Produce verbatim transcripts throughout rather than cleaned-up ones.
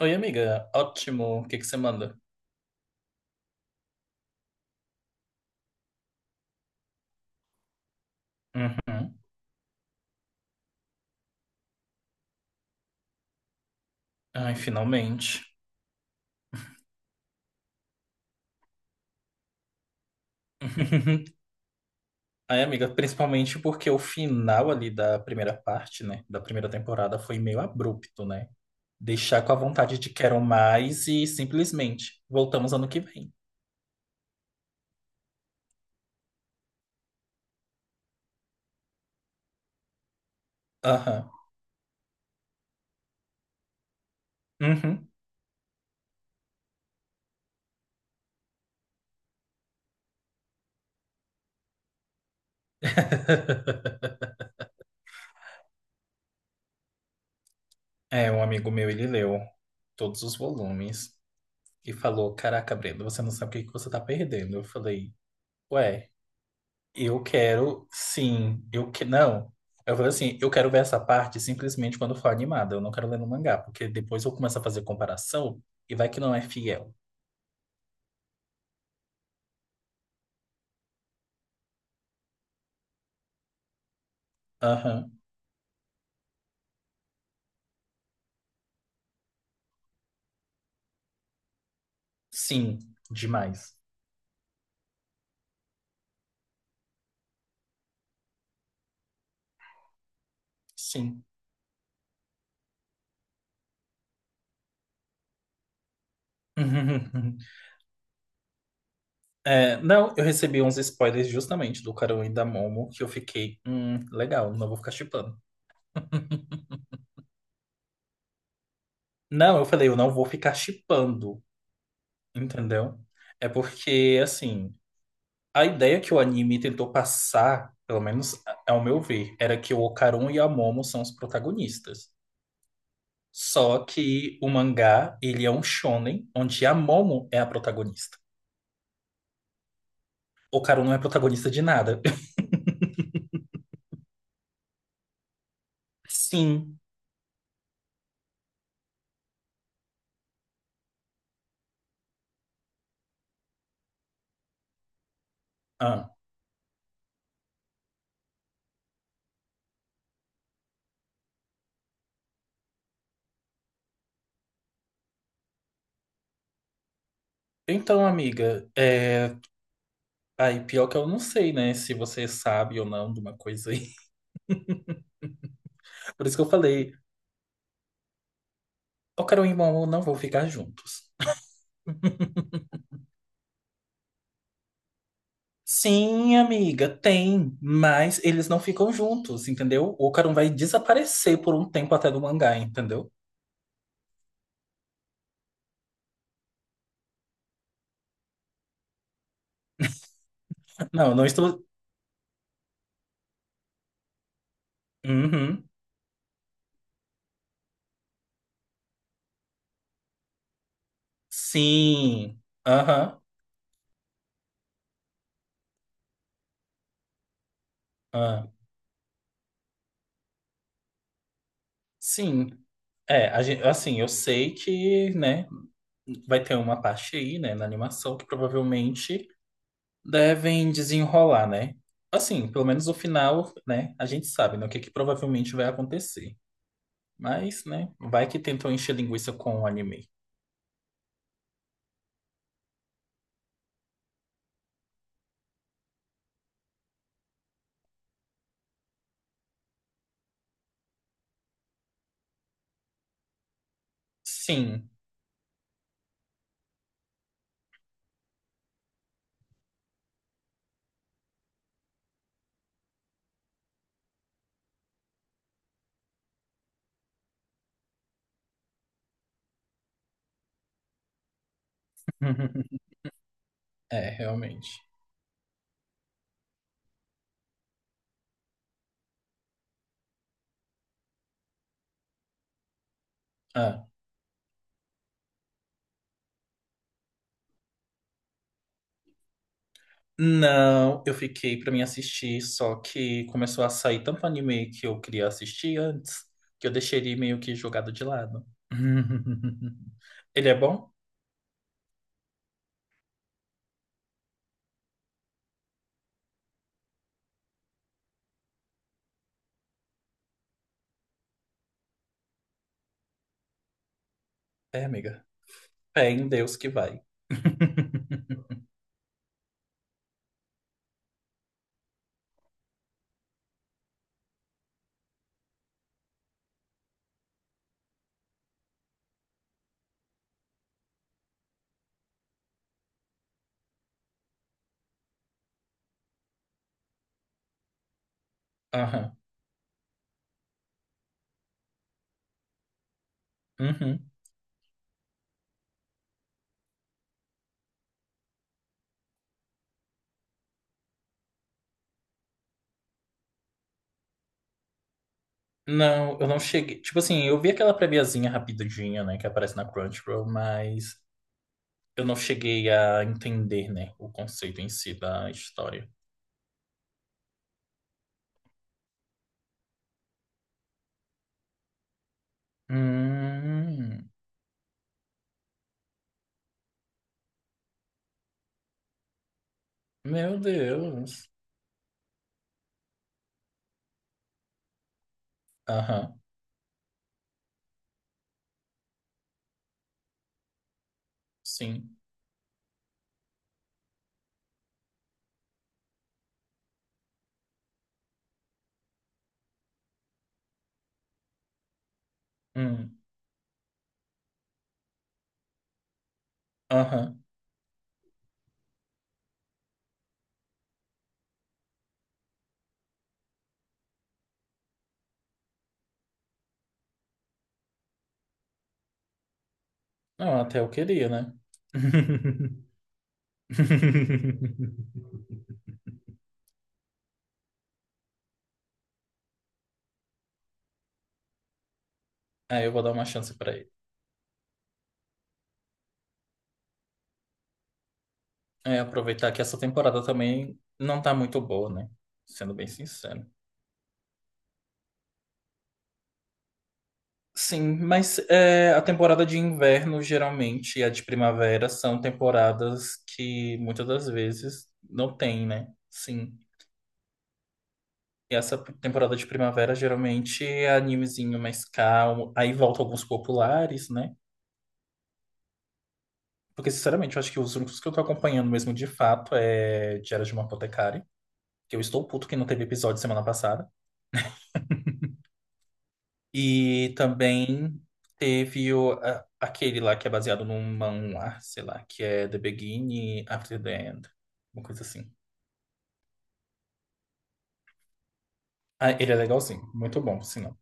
Oi, amiga. Ótimo. O que que você manda? Uhum. Ai, finalmente. Ai, amiga, principalmente porque o final ali da primeira parte, né? Da primeira temporada foi meio abrupto, né? Deixar com a vontade de quero mais e simplesmente voltamos ano que vem. Aham. Uhum. É, um amigo meu, ele leu todos os volumes e falou: Caraca, Brenda, você não sabe o que que você tá perdendo. Eu falei: Ué. Eu quero, sim. Eu que não. Eu falei assim, eu quero ver essa parte simplesmente quando for animada. Eu não quero ler no mangá, porque depois eu começo a fazer comparação e vai que não é fiel. Aham. Sim, demais. Sim. É, não, eu recebi uns spoilers justamente do Karou e da Momo que eu fiquei, hum, legal, não vou ficar shippando. Não, eu falei, eu não vou ficar shippando, entendeu? É porque, assim, a ideia que o anime tentou passar, pelo menos ao meu ver, era que o Okarun e a Momo são os protagonistas. Só que o mangá, ele é um shonen onde a Momo é a protagonista. O Okarun não é protagonista de nada. Sim. Ah. Então, amiga, é... aí pior que eu não sei, né, se você sabe ou não de uma coisa aí. Por isso que eu falei, Okarun e Momo não vão ficar juntos. Sim, amiga, tem, mas eles não ficam juntos, entendeu? O Ocarum vai desaparecer por um tempo até do mangá, entendeu? Não, não estou. Uhum. Sim. Aham. Ah, sim. É, a gen- assim, eu sei que, né, vai ter uma parte aí, né, na animação que provavelmente devem desenrolar, né? Assim, pelo menos o final, né, a gente sabe, né, o que que provavelmente vai acontecer. Mas, né, vai que tentam encher linguiça com o anime. Sim. É, realmente. Ah. Não, eu fiquei pra mim assistir, só que começou a sair tanto anime que eu queria assistir antes, que eu deixei ele meio que jogado de lado. Ele é bom? É, amiga. Fé em Deus que vai. Aham. Uhum. Não, eu não cheguei. Tipo assim, eu vi aquela préviazinha rapidinha, né, que aparece na Crunchyroll, mas eu não cheguei a entender, né, o conceito em si da história. Hum. Meu Deus. Aham, sim. Hum, aham. Não, até eu queria, né? É, eu vou dar uma chance pra ele. É, aproveitar que essa temporada também não tá muito boa, né? Sendo bem sincero. Sim, mas é, a temporada de inverno, geralmente, e a de primavera são temporadas que muitas das vezes não tem, né? Sim. E essa temporada de primavera geralmente é animezinho mais calmo. Aí volta alguns populares, né? Porque, sinceramente, eu acho que os únicos que eu tô acompanhando mesmo de fato é Diário de uma Apotecária, que eu estou puto que não teve episódio semana passada. E também teve o, a- aquele lá que é baseado num manhwa, sei lá, que é The Beginning After the End, uma coisa assim. Ah, ele é legalzinho, muito bom, por sinal.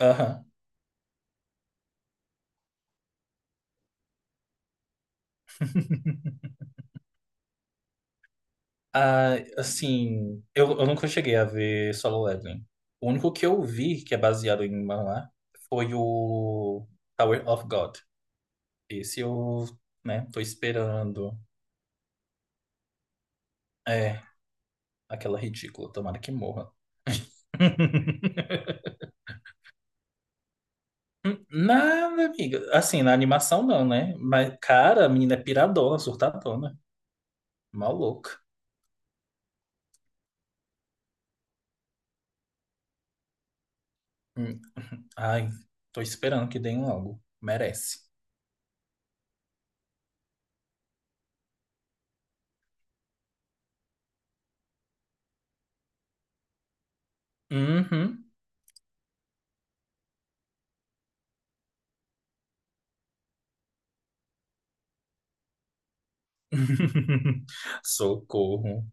Aham. Ah, assim, eu, eu nunca cheguei a ver Solo Leveling. O único que eu vi que é baseado em manhwa foi o Tower of God. Esse eu, né, tô esperando. É, aquela ridícula, tomara que morra. Nada, amiga. Assim, na animação não, né? Mas, cara, a menina é piradona, surtadona, maluca. Hum. Ai, tô esperando que deem logo. Merece. Uhum. Socorro.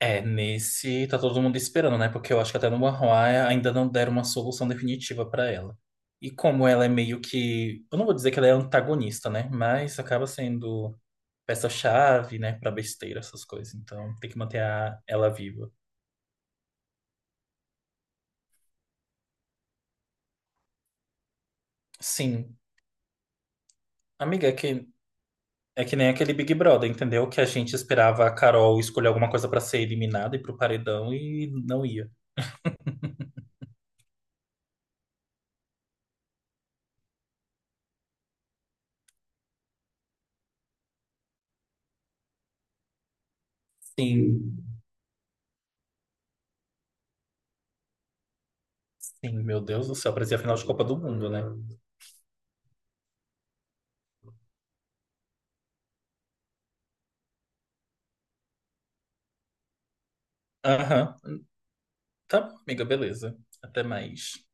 É, nesse tá todo mundo esperando, né? Porque eu acho que até no One ainda não deram uma solução definitiva pra ela. E como ela é meio que, eu não vou dizer que ela é antagonista, né? Mas acaba sendo peça-chave, né, pra besteira essas coisas. Então, tem que manter a- ela viva. Sim. Amiga, é que é que nem aquele Big Brother, entendeu? Que a gente esperava a Carol escolher alguma coisa pra ser eliminada e pro paredão e não ia. Sim. Sim, meu Deus do céu, parecia a final de Copa do Mundo, né? Aham. Tá bom, amiga, beleza. Até mais.